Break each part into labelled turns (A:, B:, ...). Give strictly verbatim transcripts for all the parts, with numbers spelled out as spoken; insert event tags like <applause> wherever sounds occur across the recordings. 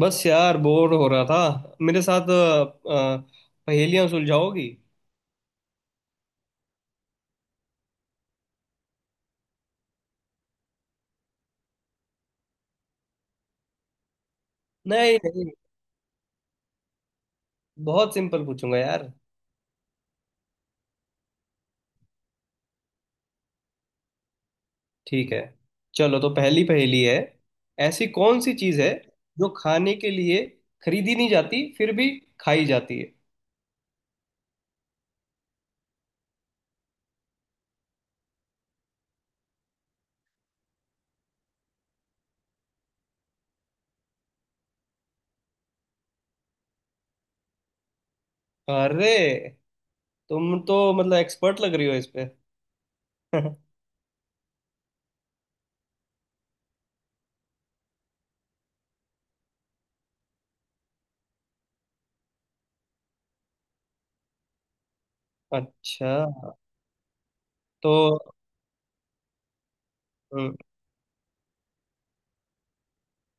A: बस यार बोर हो रहा था मेरे साथ। अ, अ, पहेलियां सुलझाओगी? नहीं नहीं, बहुत सिंपल पूछूंगा यार। ठीक है, चलो तो पहली पहेली है। ऐसी कौन सी चीज है जो खाने के लिए खरीदी नहीं जाती, फिर भी खाई जाती है? अरे, तुम तो मतलब एक्सपर्ट लग रही हो इस पे। <laughs> अच्छा, तो हम्म,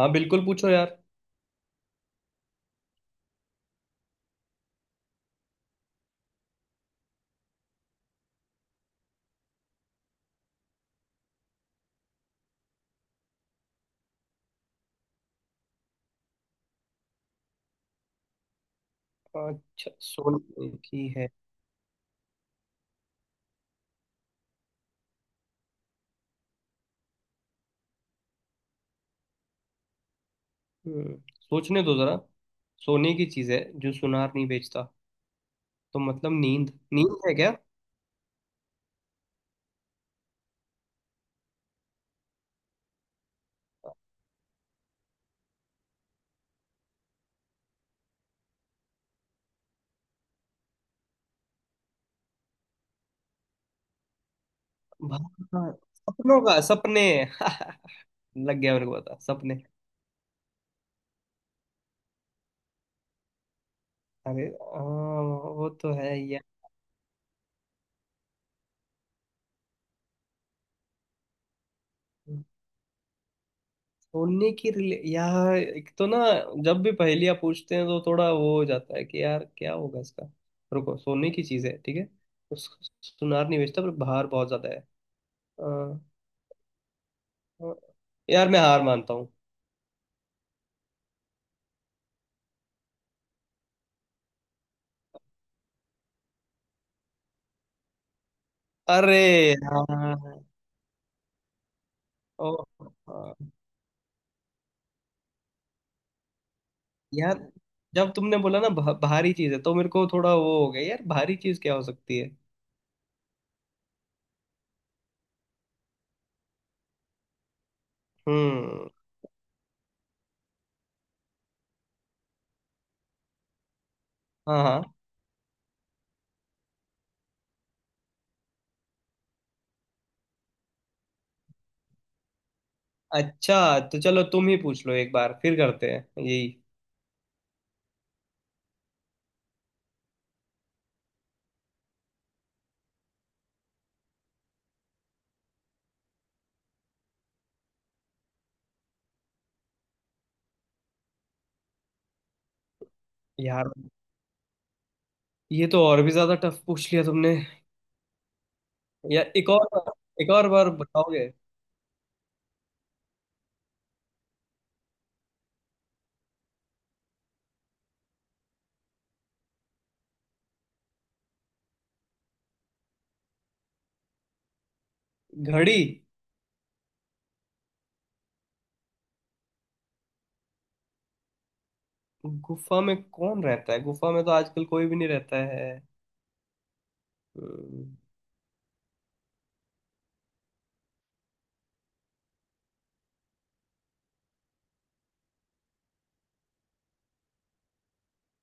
A: हाँ बिल्कुल पूछो यार। अच्छा, सोने की है। हम्म, सोचने दो जरा। सोने की चीज है जो सुनार नहीं बेचता, तो मतलब नींद नींद है क्या? भाई, हाँ, सपनों का, सपने। <laughs> लग गया, मेरे को पता, सपने। अरे आ, वो तो है यार। सोने की रिले यार, एक तो ना, जब भी पहेलियां पूछते हैं तो थोड़ा वो हो जाता है कि यार क्या होगा इसका। रुको, सोने की चीज है, ठीक है। उस सुनार नहीं बेचता, पर बाहर बहुत ज्यादा है। आ, आ, यार मैं हार मानता हूँ। अरे हाँ। ओ, हाँ यार, जब तुमने बोला ना भा, भारी चीज है, तो मेरे को थोड़ा वो हो गया, यार भारी चीज क्या हो सकती है। हम्म। हाँ हाँ। अच्छा, तो चलो तुम ही पूछ लो, एक बार फिर करते हैं यही। यार ये तो और भी ज्यादा टफ पूछ लिया तुमने। यार एक और बार, एक और बार बताओगे? घड़ी। गुफा में कौन रहता है, गुफा में तो आजकल कोई भी नहीं रहता है। हम्म,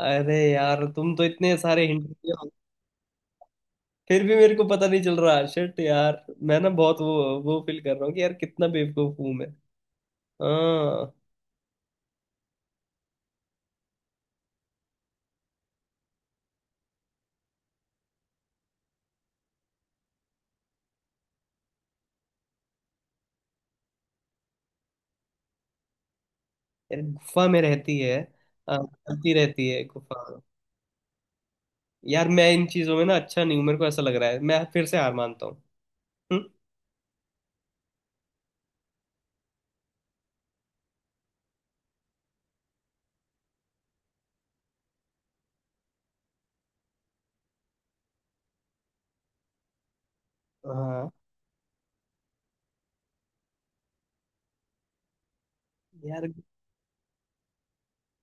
A: अरे यार तुम तो इतने सारे हिंट दिए। फिर भी मेरे को पता नहीं चल रहा, शिट यार। मैं ना बहुत वो वो फील कर रहा हूँ कि यार कितना बेवकूफ हूँ मैं। हाँ। यार गुफा में रहती है। हाँ, चलती रहती है गुफा में। यार मैं इन चीजों में ना अच्छा नहीं हूँ, मेरे को ऐसा लग रहा है, मैं फिर से हार मानता हूँ। हम्म? हाँ। यार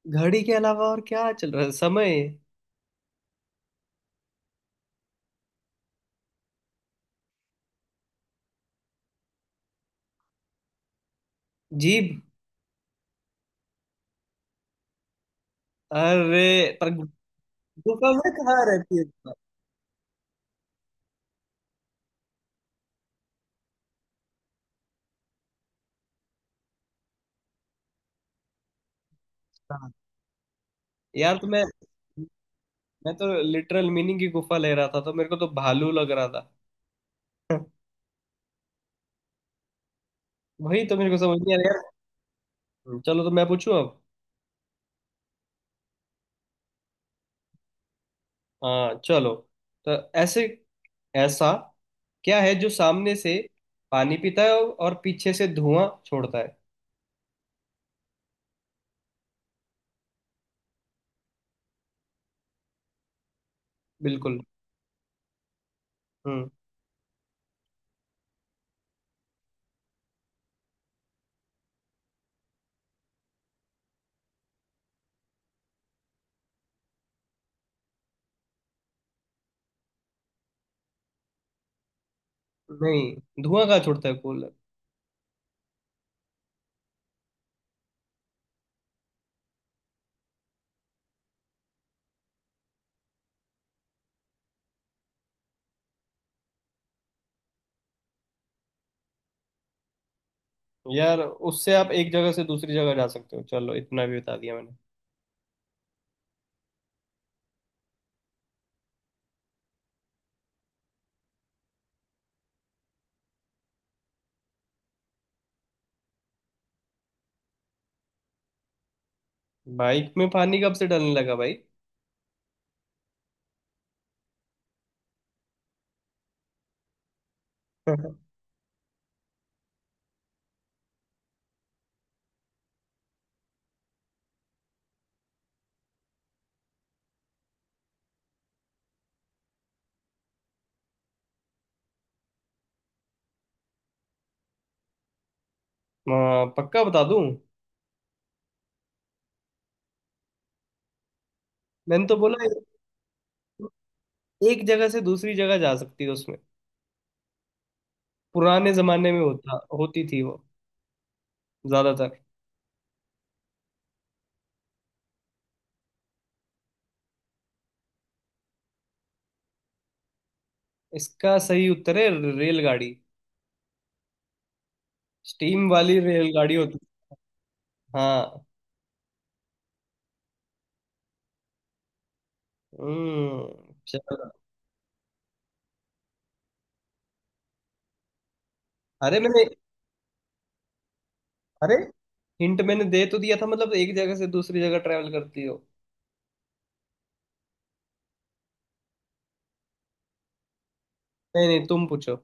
A: घड़ी के अलावा और क्या चल रहा है, समय? जीभ। अरे, पर गुफा में कहाँ रहती है गुफा? हाँ। यार तो मैं मैं तो लिटरल मीनिंग की गुफा ले रहा था, तो मेरे को तो भालू लग रहा था। <laughs> वही तो मेरे को समझ नहीं आ रहा यार। हम्म, चलो तो मैं पूछूं अब। हाँ चलो। तो ऐसे ऐसा क्या है जो सामने से पानी पीता है और पीछे से धुआं छोड़ता है? बिल्कुल। हम्म। नहीं, धुआं कहाँ छोड़ता है कूलर। यार, उससे आप एक जगह से दूसरी जगह जा सकते हो, चलो इतना भी बता दिया मैंने। बाइक में पानी कब से डालने लगा भाई? <laughs> आ, पक्का बता दूं। मैंने तो बोला एक जगह से दूसरी जगह जा सकती है उसमें, पुराने जमाने में होता होती थी वो ज्यादातर। इसका सही उत्तर है रेलगाड़ी, स्टीम वाली रेलगाड़ी होती है। हाँ। हम्म चलो। अरे मैंने, अरे हिंट मैंने दे तो दिया था, मतलब एक जगह से दूसरी जगह ट्रैवल करती हो। नहीं नहीं, तुम पूछो।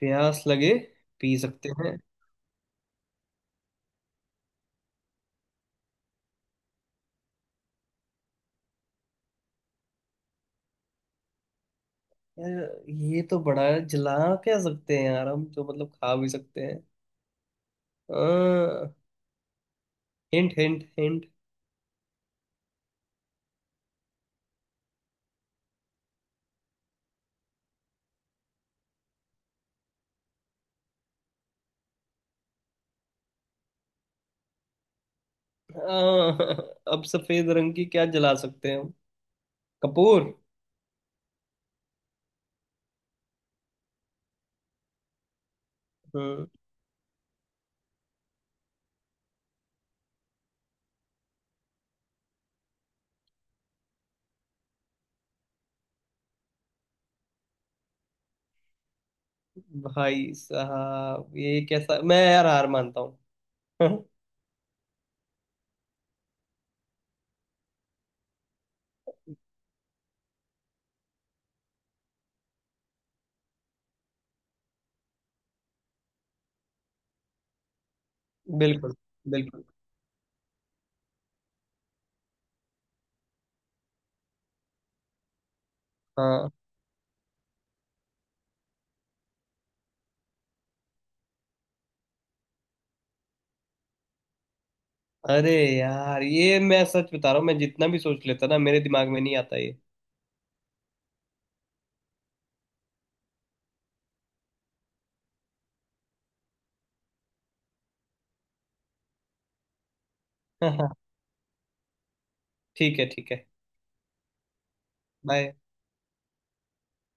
A: प्यास लगे, पी सकते हैं। यार ये तो बड़ा है, जला क्या सकते हैं यार, हम तो मतलब खा भी सकते हैं। आ, हिंट हिंट हिंट। आ, <laughs> अब सफेद रंग की क्या जला सकते हैं हम, कपूर? हम्म। भाई साहब ये कैसा, मैं यार हार मानता हूँ। <laughs> बिल्कुल, बिल्कुल। हाँ। अरे यार, ये मैं सच बता रहा हूँ, मैं जितना भी सोच लेता ना, मेरे दिमाग में नहीं आता ये। <laughs> ठीक है, ठीक है। बाय।